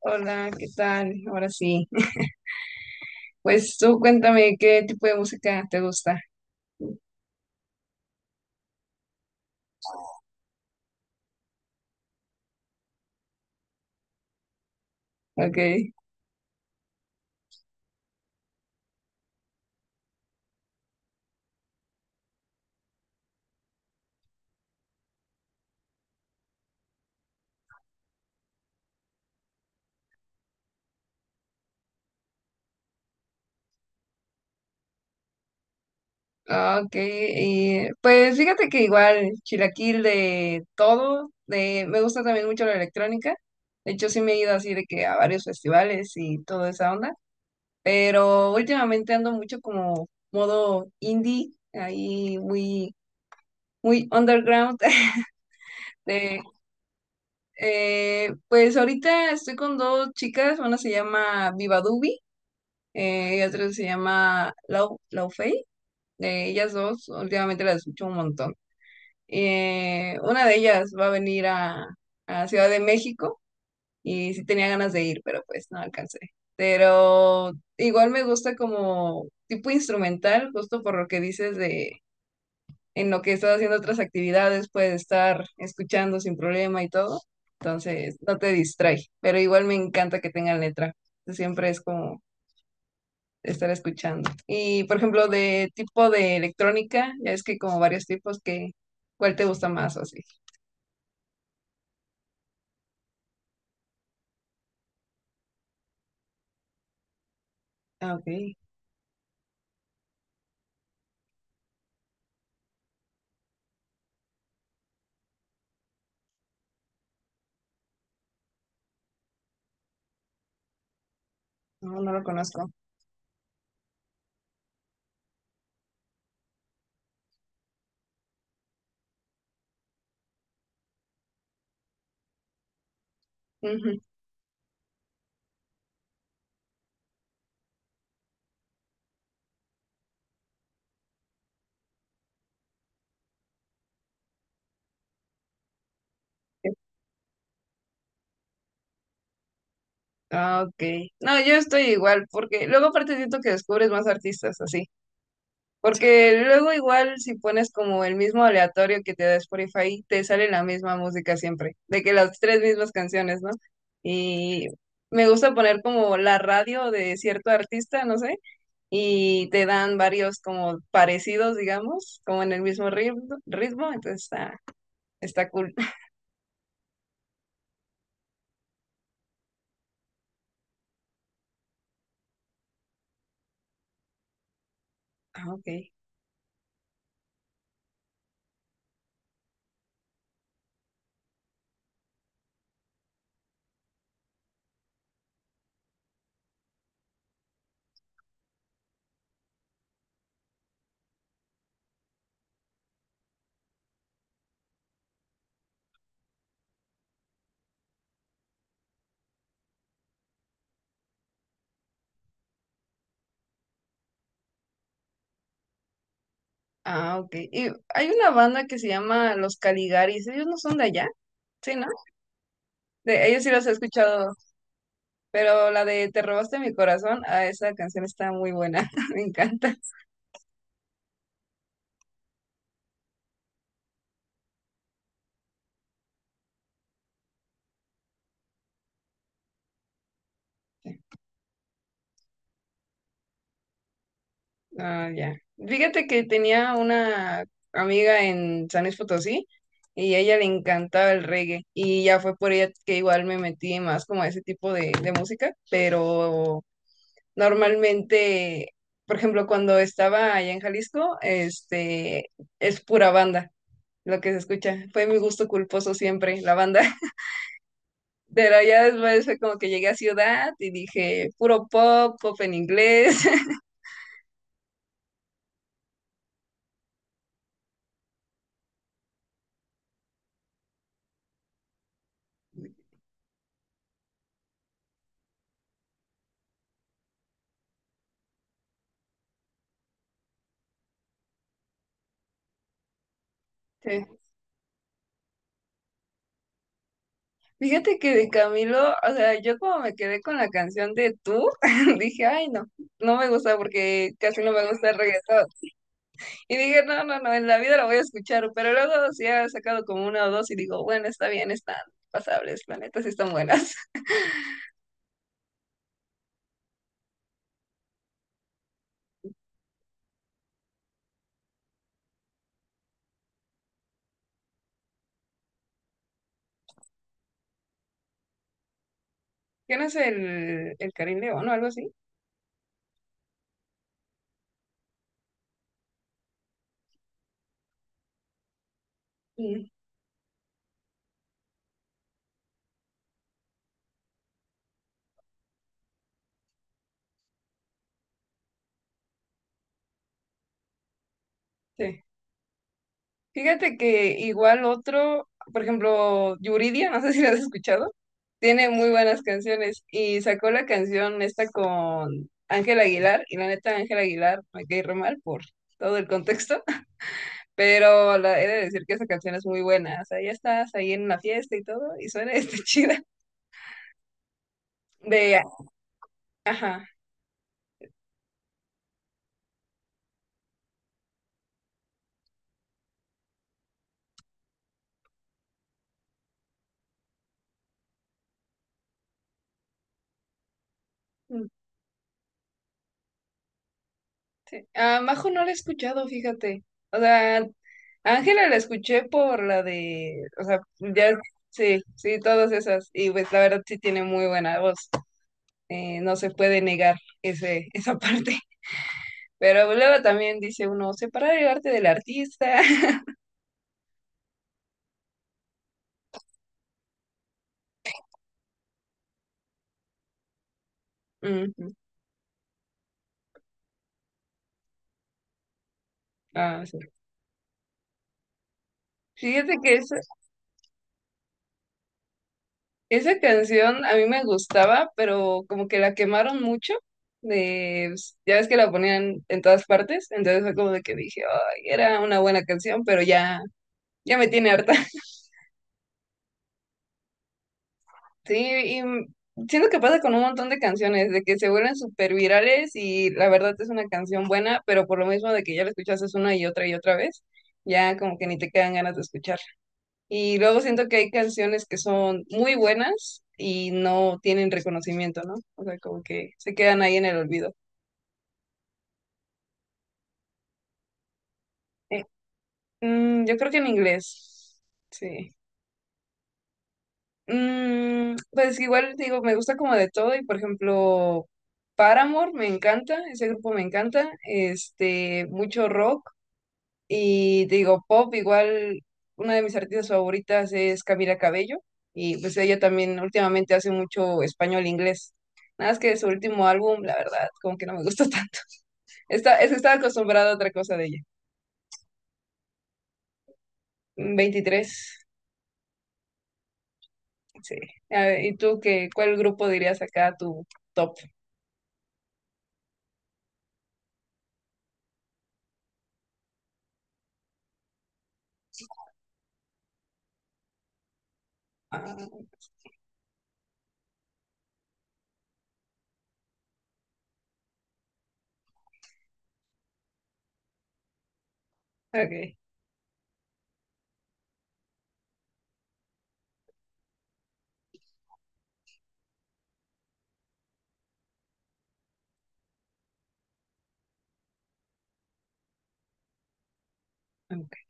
Hola, ¿qué tal? Ahora sí. Pues tú cuéntame qué tipo de música te gusta. Ok. Ah, Ok. Y, pues fíjate que igual, chilaquil de todo. De, me gusta también mucho la electrónica. De hecho, sí me he ido así de que a varios festivales y toda esa onda. Pero últimamente ando mucho como modo indie, ahí muy, muy underground. De, pues ahorita estoy con dos chicas, una se llama Viva Dubi. Y otra se llama Lau Fei. De ellas dos, últimamente las escucho un montón. Una de ellas va a venir a Ciudad de México y sí tenía ganas de ir, pero pues no alcancé. Pero igual me gusta como tipo instrumental, justo por lo que dices de en lo que estás haciendo otras actividades, puedes estar escuchando sin problema y todo. Entonces, no te distrae, pero igual me encanta que tengan letra. Siempre es como estar escuchando. Y por ejemplo, de tipo de electrónica, ya es que hay como varios tipos que, ¿cuál te gusta más o así? Ah, ok, no, no lo conozco. Ujú. Ah, ok. No, yo estoy igual, porque luego aparte siento que descubres más artistas así. Porque luego igual si pones como el mismo aleatorio que te da Spotify, te sale la misma música siempre, de que las tres mismas canciones, ¿no? Y me gusta poner como la radio de cierto artista, no sé, y te dan varios como parecidos, digamos, como en el mismo ritmo entonces está, está cool. Ah, ok. Ah, ok. Y hay una banda que se llama Los Caligaris, ellos no son de allá, sí, ¿no? De, ellos sí los he escuchado, pero la de Te robaste mi corazón, ah, esa canción está muy buena, me encanta. Ah, ya. Fíjate que tenía una amiga en San Luis Potosí y a ella le encantaba el reggae y ya fue por ella que igual me metí más como a ese tipo de música, pero normalmente, por ejemplo, cuando estaba allá en Jalisco, este, es pura banda lo que se escucha. Fue mi gusto culposo siempre, la banda. Pero ya después fue como que llegué a ciudad y dije, puro pop, pop en inglés. Fíjate que de Camilo, o sea, yo como me quedé con la canción de Tú, dije, ay, no, no me gusta porque casi no me gusta el reggaetón. Y dije, no, no, no, en la vida la voy a escuchar, pero luego sí ha sacado como una o dos y digo, bueno, está bien, están pasables, la neta sí están buenas. ¿Quién es el Karim León o algo así? Mm, sí. Fíjate que igual otro, por ejemplo, Yuridia, no sé si la has escuchado, tiene muy buenas canciones y sacó la canción esta con Ángel Aguilar y la neta Ángel Aguilar me cae re mal por todo el contexto, pero la, he de decir que esa canción es muy buena, o sea, ya estás ahí en la fiesta y todo y suena este chida de, ajá. A Majo no la he escuchado, fíjate. O sea, a Ángela la escuché por la de, o sea, ya, sí, sí, todas esas. Y pues la verdad sí tiene muy buena voz. No se puede negar ese, esa parte. Pero pues, luego también dice uno, separar el arte del artista. Ujú. Ah, sí. Fíjate que eso. Esa canción a mí me gustaba, pero como que la quemaron mucho. De, pues, ya ves que la ponían en todas partes, entonces fue como de que dije, ay, era una buena canción, pero ya, ya me tiene harta. Sí, y siento que pasa con un montón de canciones, de que se vuelven súper virales y la verdad es una canción buena, pero por lo mismo de que ya la escuchas una y otra vez, ya como que ni te quedan ganas de escuchar. Y luego siento que hay canciones que son muy buenas y no tienen reconocimiento, ¿no? O sea, como que se quedan ahí en el olvido. Eh, yo creo que en inglés, sí. Mm, pues igual digo, me gusta como de todo y por ejemplo, Paramore me encanta, ese grupo me encanta, este, mucho rock. Y te digo, pop, igual una de mis artistas favoritas es Camila Cabello. Y pues ella también últimamente hace mucho español-inglés. Nada más que su último álbum, la verdad, como que no me gustó tanto. Está, es que estaba acostumbrada a otra cosa de ella. Mm, 23 sí. A ver, ¿y tú qué, cuál grupo dirías acá tu top? Ah, ok, ok,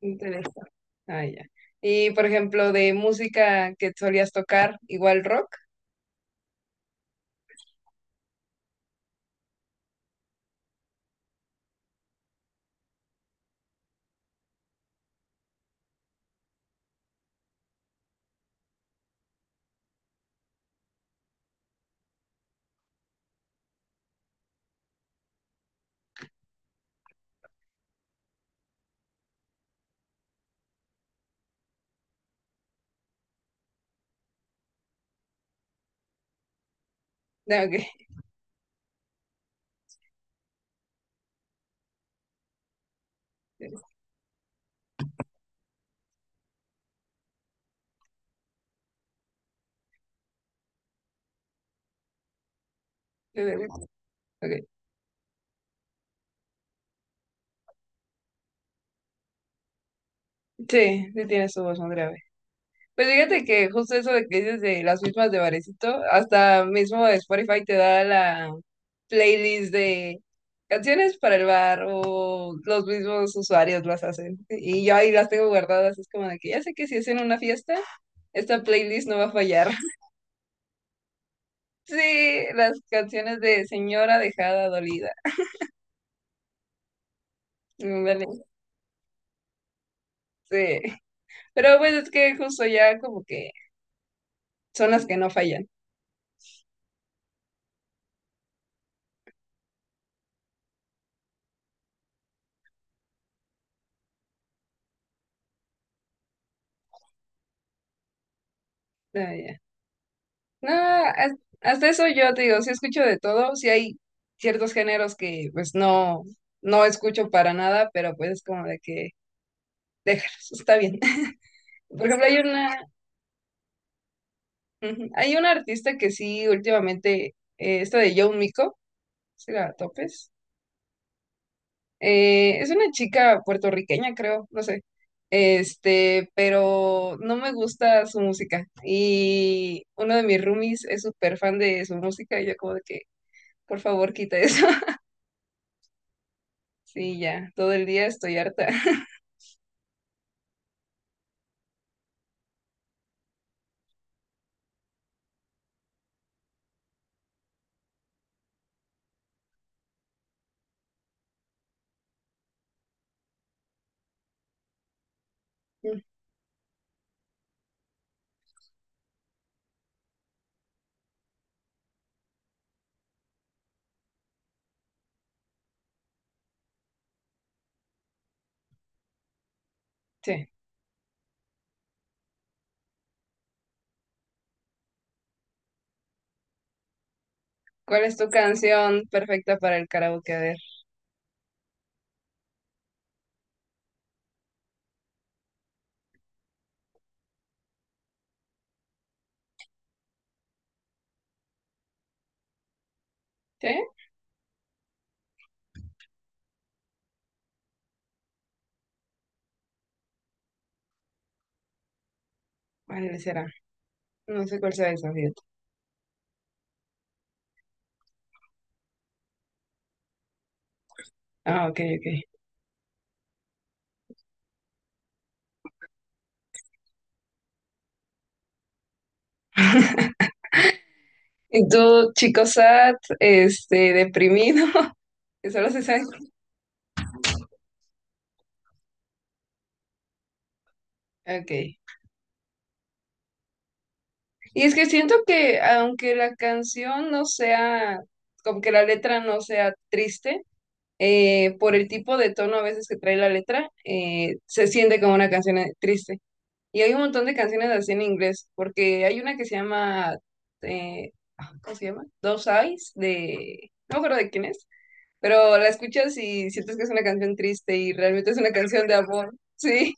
interesante. Ah, ya. Y por ejemplo, de música que solías tocar, igual rock. Ah, Ok. Ok. Sí, sí tiene su voz más grave. Pues fíjate que justo eso de que dices de las mismas de Varecito, hasta mismo Spotify te da la playlist de canciones para el bar o los mismos usuarios las hacen. Y yo ahí las tengo guardadas, es como de que ya sé que si es en una fiesta, esta playlist no va a fallar. Sí, las canciones de Señora Dejada Dolida. Ándale, sí. Pero pues es que justo ya como que son las que no fallan. No, hasta eso yo te digo, sí escucho de todo, sí hay ciertos géneros que pues no, no escucho para nada, pero pues es como de que déjalos, está bien. Por ejemplo, hay una, ujú, hay una artista que sí últimamente, esta de Joe Mico, si la topes, es una chica puertorriqueña, creo, no sé, este, pero no me gusta su música y uno de mis roomies es súper fan de su música y yo como de que, por favor, quita eso. Sí, ya, todo el día estoy harta. Sí. ¿Cuál es tu canción perfecta para el karaoke? A ver. ¿Sí? ¿Cuál será? No sé cuál sea esa, fíjate. Ah, ok, ok. ¿Y tú, chico sad, este, deprimido? Que solo se sabe. Ok. Y es que siento que aunque la canción no sea, como que la letra no sea triste, por el tipo de tono a veces que trae la letra, se siente como una canción triste. Y hay un montón de canciones así en inglés, porque hay una que se llama, eh, ah, ¿cómo se llama? Dos Eyes, de, no me acuerdo de quién es, pero la escuchas y sientes que es una canción triste y realmente es una canción de amor. Sí,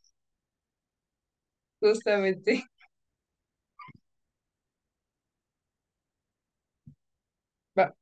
justamente. Va.